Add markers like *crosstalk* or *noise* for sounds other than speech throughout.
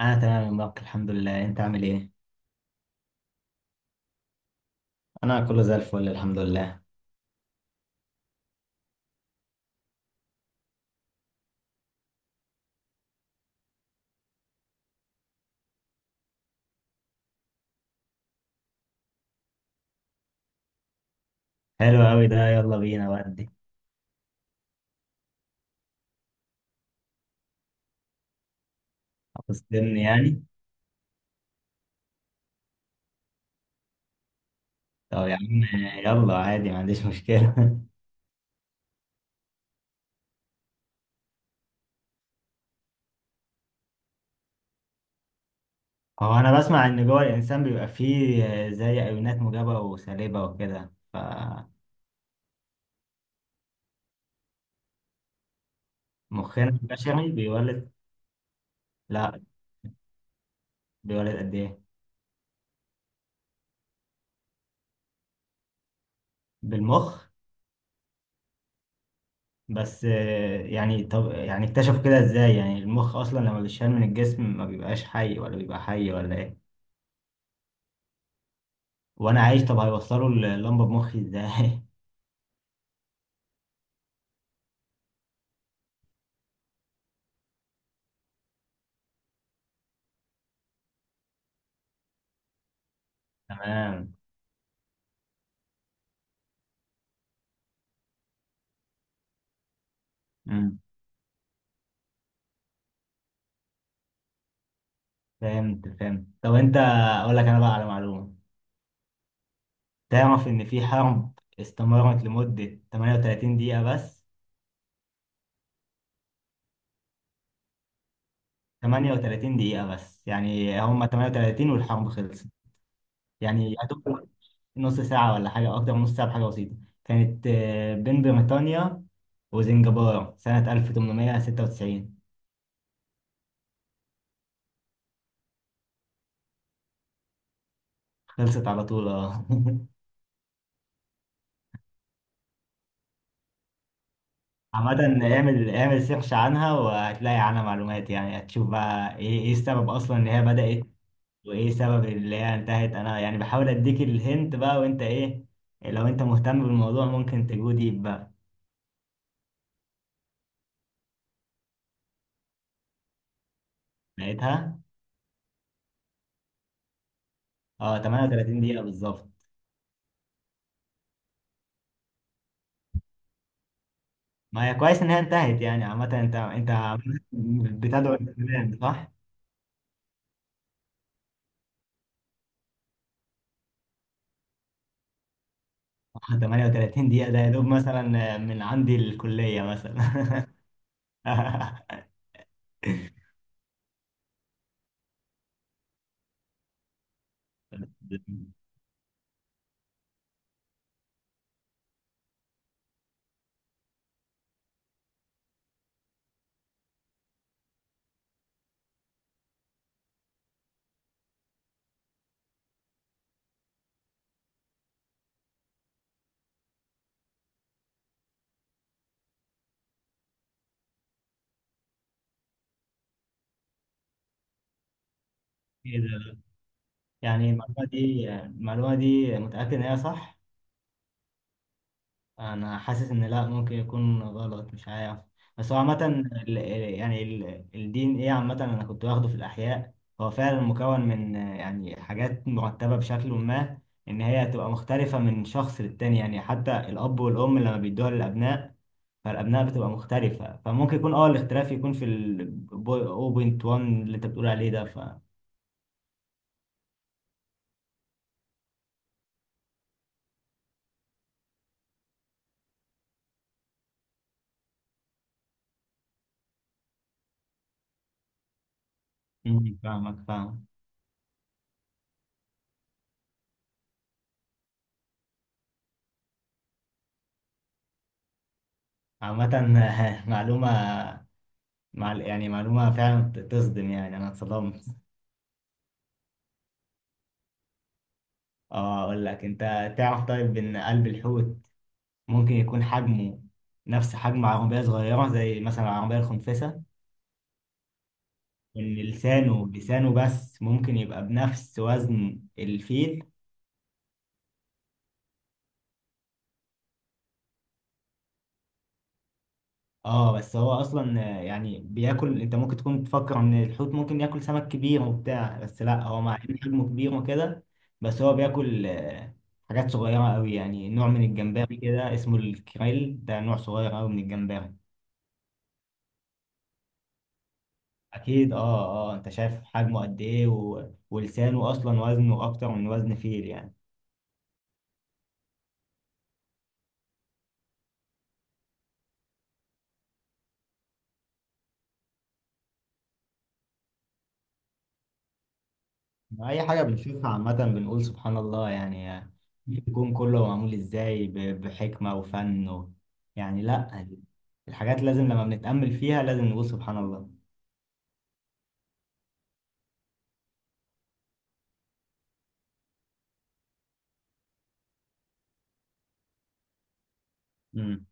انا تمام يا مبارك، الحمد لله. انت عامل ايه؟ انا كله زي الفل الحمد لله. حلو قوي ده، يلا بينا ودي. هتصدمني يعني؟ طب يا عم، يلا عادي ما عنديش مشكله. *laughs* هو انا بسمع ان جوه الانسان بيبقى فيه زي ايونات موجبه وسالبه وكده، فمخنا البشري بيولد. لا، بيولد قد ايه؟ بالمخ. بس يعني طب يعني اكتشفوا كده ازاي؟ يعني المخ اصلا لما بيتشال من الجسم ما بيبقاش حي، ولا بيبقى حي ولا ايه؟ وانا عايش؟ طب هيوصلوا اللمبه بمخي ازاي؟ *laughs* تمام. امم فهمت فهمت. طب انت اقول لك انا بقى على معلومه. تعرف ان في حرب استمرت لمده 38 دقيقه بس؟ 38 دقيقه بس، يعني هم 38 والحرب خلصت. يعني يا دوب نص ساعه ولا حاجه، او اكتر من نص ساعه بحاجه بسيطه. كانت بين بريطانيا وزنجبار سنه 1896. خلصت على طول اه. *laughs* عامة، اعمل سيرش عنها وهتلاقي عنها معلومات، يعني هتشوف بقى ايه ايه السبب اصلا ان هي بدأت وايه سبب اللي هي انتهت. انا يعني بحاول اديك الهنت بقى، وانت ايه، لو انت مهتم بالموضوع ممكن تجو ديب بقى. لقيتها. اه 38 دقيقة بالظبط. ما هي كويس ان هي انتهت يعني. عامة انت انت بتدعو للسلام صح؟ 38 دقيقة ده يا دوب مثلا من عندي الكلية مثلا. *laughs* ايه ده يعني؟ المعلومة دي المعلومة دي متأكد ان هي صح؟ انا حاسس ان لا، ممكن يكون غلط مش عارف. بس هو عامه يعني الدي ان ايه عامه انا كنت واخده في الاحياء. هو فعلا مكون من يعني حاجات مرتبه بشكل ما، ان هي هتبقى مختلفه من شخص للتاني. يعني حتى الاب والام لما بيدوها للابناء فالابناء بتبقى مختلفه، فممكن يكون اه الاختلاف يكون في ال 0.1 اللي انت بتقول عليه ده، ف فاهمك فاهم. عامه *laughs* معلومه، مع يعني معلومه فعلا تصدم، يعني انا اتصدمت. اه اقول لك انت. تعرف طيب ان قلب الحوت ممكن يكون حجمه نفس حجم عربية صغيرة زي مثلا العربية الخنفسة؟ ان لسانه، لسانه بس ممكن يبقى بنفس وزن الفيل. اه بس هو اصلا يعني بياكل، انت ممكن تكون تفكر ان الحوت ممكن ياكل سمك كبير وبتاع، بس لا، هو مع ان حجمه كبير وكده بس هو بياكل حاجات صغيرة قوي، يعني نوع من الجمبري كده اسمه الكريل، ده نوع صغير قوي من الجمبري. اكيد اه. اه انت شايف حجمه قد ايه، و... ولسانه اصلا وزنه اكتر من وزن فيل يعني. اي حاجه بنشوفها عامه بنقول سبحان الله يعني. الكون كله معمول ازاي ب... بحكمه وفن، و... يعني لا، الحاجات لازم لما بنتامل فيها لازم نقول سبحان الله. امم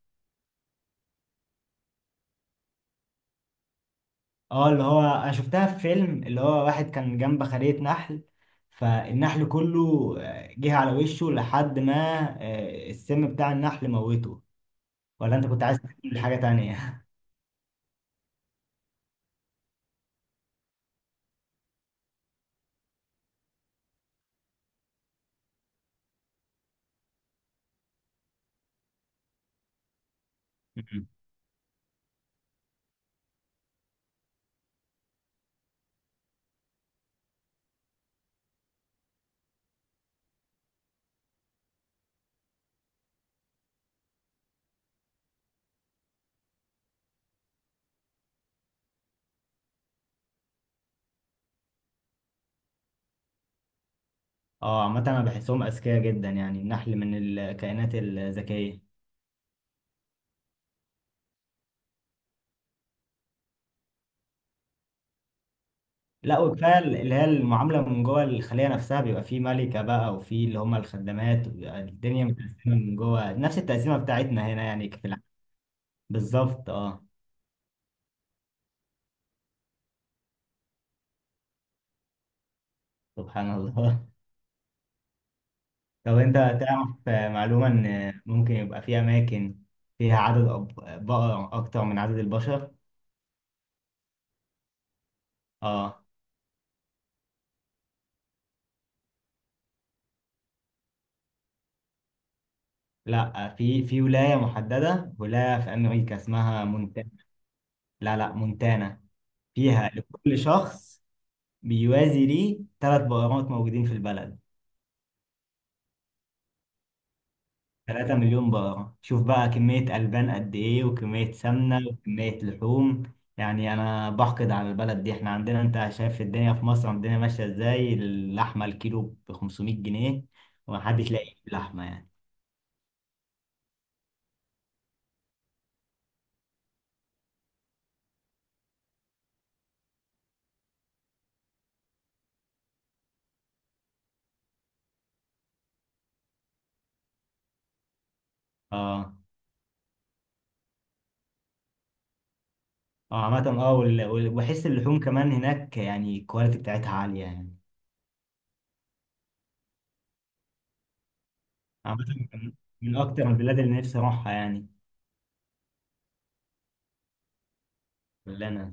اه اللي هو انا شفتها في فيلم، اللي هو واحد كان جنب خلية نحل فالنحل كله جه على وشه لحد ما السم بتاع النحل موته. ولا انت كنت عايز تقول حاجه تانية؟ *laughs* مم. اه عامة انا بحسهم اذكياء جدا يعني، النحل من الكائنات الذكية. لا وكفاية اللي هي المعاملة من جوه الخلية نفسها، بيبقى فيه ملكة بقى وفيه اللي هم الخدامات، وبيبقى الدنيا متقسمة من جوه نفس التقسيمة بتاعتنا هنا يعني في بالظبط اه. سبحان الله. *laughs* طب انت تعرف معلومة ان ممكن يبقى في اماكن فيها عدد بقر اكتر من عدد البشر؟ اه. لا، في في ولاية محددة، ولاية في امريكا اسمها مونتانا. لا لا، مونتانا. فيها لكل شخص بيوازي ليه ثلاث بقرات موجودين في البلد. 3 مليون بقرة، شوف بقى كمية ألبان قد إيه وكمية سمنة وكمية لحوم. يعني أنا بحقد على البلد دي، إحنا عندنا أنت شايف الدنيا في مصر الدنيا ماشية إزاي، اللحمة الكيلو ب 500 جنيه ومحدش لاقي لحمة يعني. آه آه. عامة آه، وبحس اللحوم كمان هناك يعني الكواليتي بتاعتها عالية يعني. عامة من من أكتر البلاد اللي نفسي أروحها يعني. كلنا.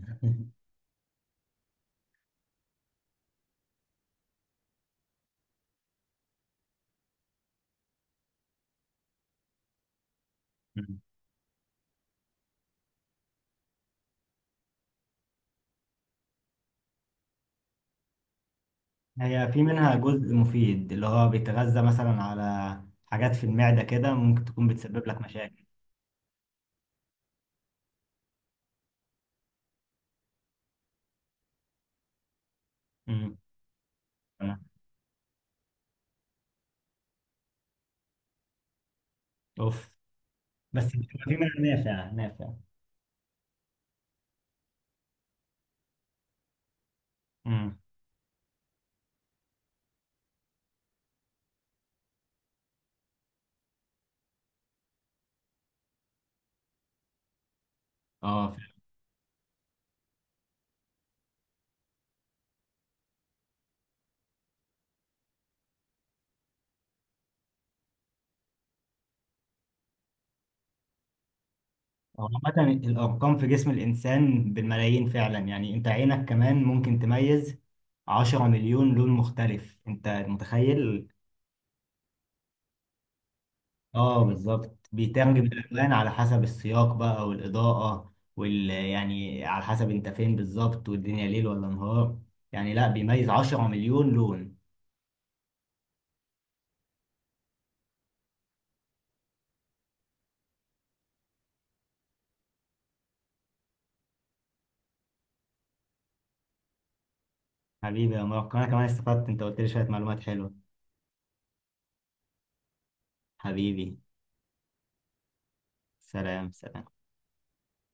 *laughs* هي في منها جزء مفيد اللي هو بيتغذى مثلا على حاجات في المعدة كده، ممكن تكون بتسبب لك مشاكل. امم تمام. اوف. بس بتبقى في منها نافع، نافع. امم اه فعلا. هو عامة الأرقام في جسم الإنسان بالملايين فعلا يعني. أنت عينك كمان ممكن تميز 10 مليون لون مختلف، أنت متخيل؟ اه بالظبط، بيترجم الالوان على حسب السياق بقى والاضاءه، وال يعني على حسب انت فين بالظبط والدنيا ليل ولا نهار، يعني لا بيميز 10 مليون لون. حبيبي يا مارك، انا كمان استفدت، انت قلت لي شويه معلومات حلوه. حبيبي. سلام سلام.